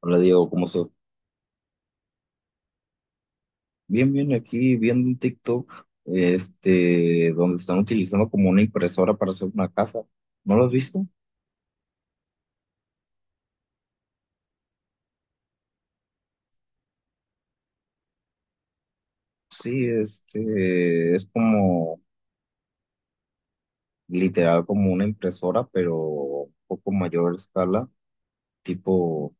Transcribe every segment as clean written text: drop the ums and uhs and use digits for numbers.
Hola Diego, ¿cómo estás? Bien, bien, aquí viendo un TikTok, este, donde están utilizando como una impresora para hacer una casa. ¿No lo has visto? Sí, este, es como literal como una impresora, pero un poco mayor escala, tipo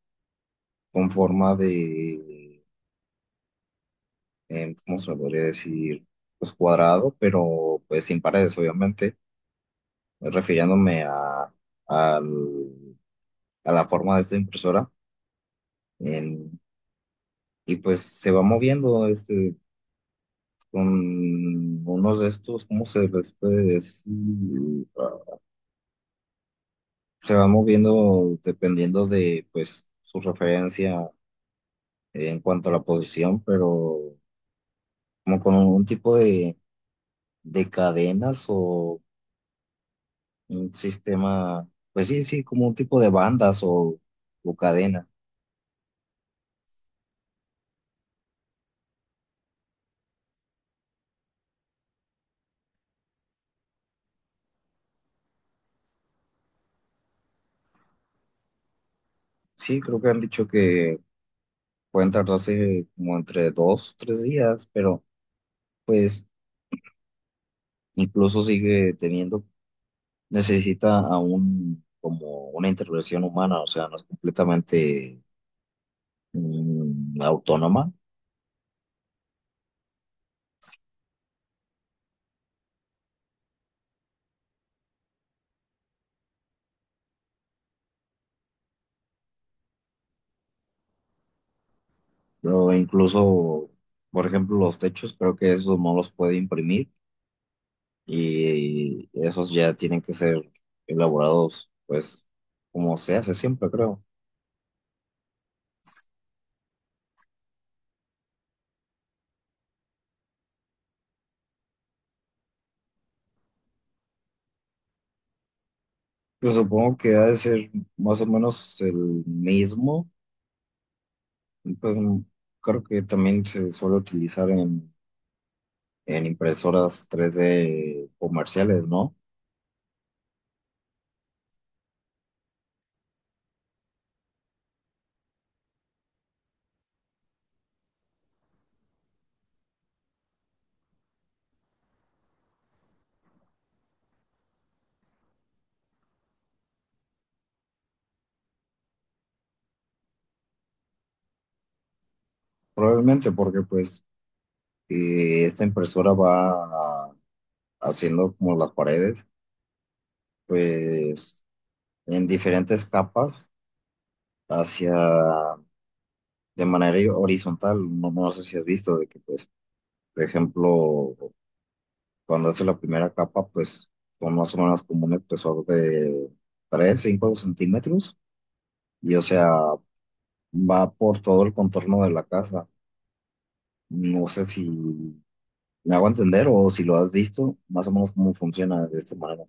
con forma de, ¿cómo se lo podría decir? Pues cuadrado, pero pues sin paredes, obviamente, refiriéndome a, al- a la forma de esta impresora. Y pues se va moviendo este con unos de estos, ¿cómo se les puede decir? Ah, Se va moviendo dependiendo de pues su referencia en cuanto a la posición, pero como con un tipo de cadenas o un sistema, pues sí, sí, como un tipo de bandas o cadena. Sí, creo que han dicho que pueden tardarse como entre dos o tres días, pero pues incluso sigue teniendo necesita aún como una intervención humana, o sea, no es completamente autónoma, o incluso, por ejemplo, los techos, creo que esos no los puede imprimir y esos ya tienen que ser elaborados, pues, como se hace siempre, creo. Pues supongo que ha de ser más o menos el mismo, pues creo que también se suele utilizar en impresoras tres d comerciales, ¿no? Probablemente porque pues esta impresora va a- haciendo como las paredes, pues en diferentes capas hacia de manera horizontal. No, no sé si has visto de que pues, por ejemplo, cuando hace la primera capa, pues son más o menos como un espesor de 3, 5 centímetros y o sea, va por todo el contorno de la casa. No sé si me hago entender o si lo has visto, más o menos cómo funciona de esta manera.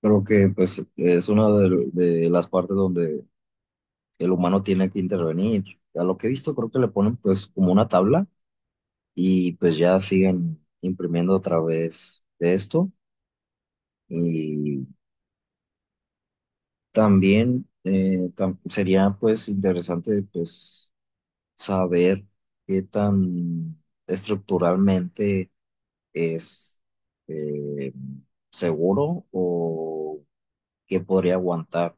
Creo que pues es una de las partes donde el humano tiene que intervenir. A lo que he visto, creo que le ponen pues como una tabla y pues ya siguen imprimiendo a través de esto. Y también sería pues interesante pues saber qué tan estructuralmente es eh, seguro o qué podría aguantar.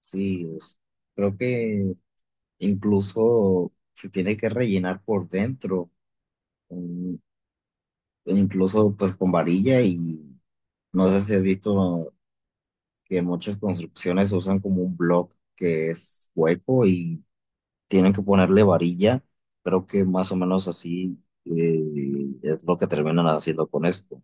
Sí, es- creo que incluso se tiene que rellenar por dentro, mm, incluso pues con varilla y no sé si has visto que muchas construcciones usan como un block que es hueco y tienen que ponerle varilla, creo que más o menos así eh, es lo que terminan haciendo con esto.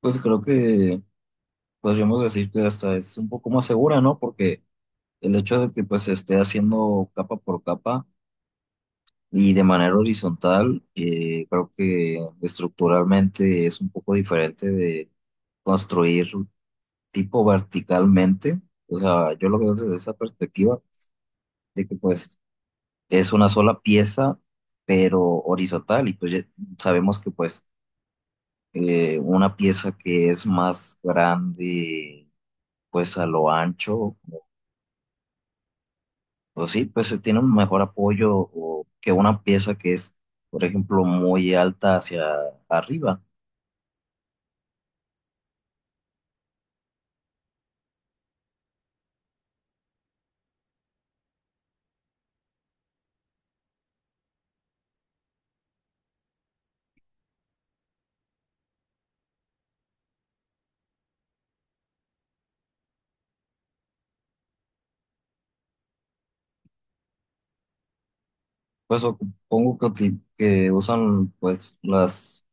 Pues creo que podríamos decir que hasta es un poco más segura, ¿no? Porque el hecho de que pues se esté haciendo capa por capa y de manera horizontal, creo que estructuralmente es un poco diferente de construir tipo verticalmente. O sea, yo lo veo desde esa perspectiva de que pues es una sola pieza, pero horizontal. Y pues ya sabemos que pues una pieza que es más grande pues a lo ancho, pues sí, pues se tiene un mejor apoyo o que una pieza que es, por ejemplo, muy alta hacia arriba. Pues supongo que, que usan pues las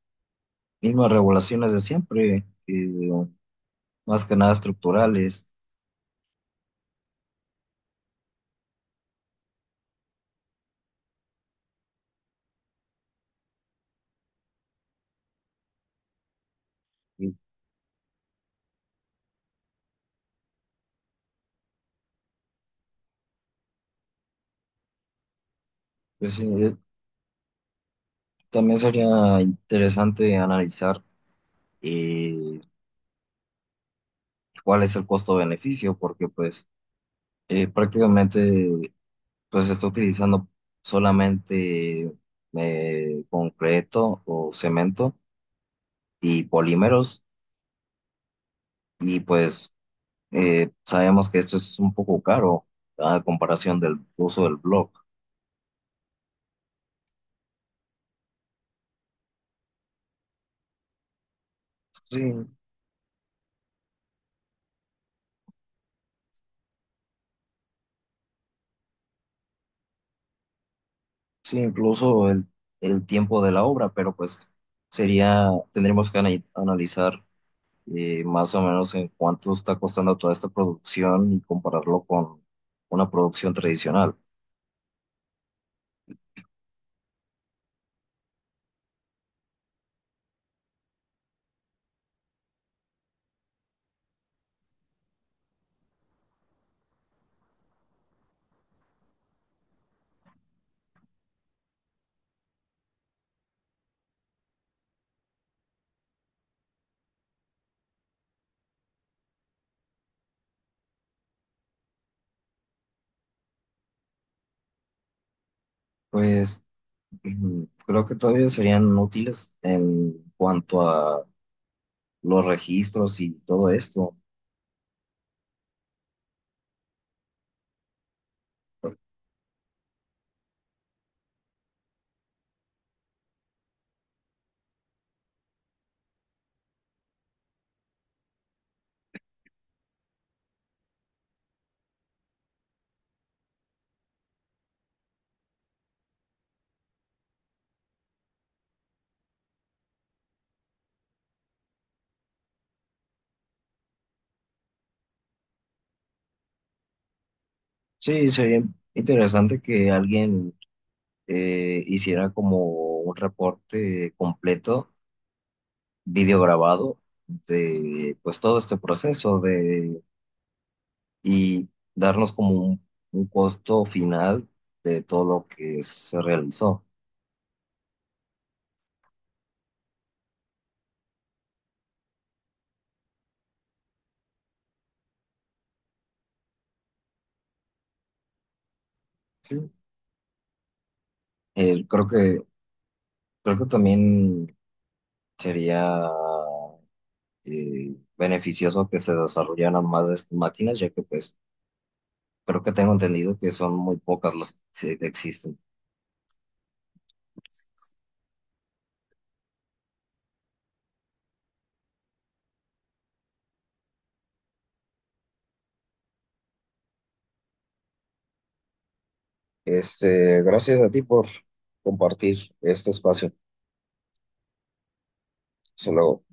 mismas regulaciones de siempre, más que nada estructurales. Y, pues, sí, también sería interesante analizar eh, cuál es el costo-beneficio, porque pues prácticamente pues se está utilizando solamente concreto o cemento y polímeros y pues sabemos que esto es un poco caro a comparación del uso del blog. Sí, sí, incluso el tiempo de la obra, pero pues sería, tendríamos que analizar más o menos en cuánto está costando toda esta producción y compararlo con una producción tradicional. Pues creo que todavía serían útiles en cuanto a los registros y todo esto. Sí, sería interesante que alguien hiciera como un reporte completo, video grabado de pues todo este proceso de y darnos como un costo final de todo lo que se realizó. Sí. Eh, creo que creo que también sería beneficioso que se desarrollaran más de estas máquinas, ya que pues creo que tengo entendido que son muy pocas las que existen. Este, gracias a ti por compartir este espacio. Hasta luego.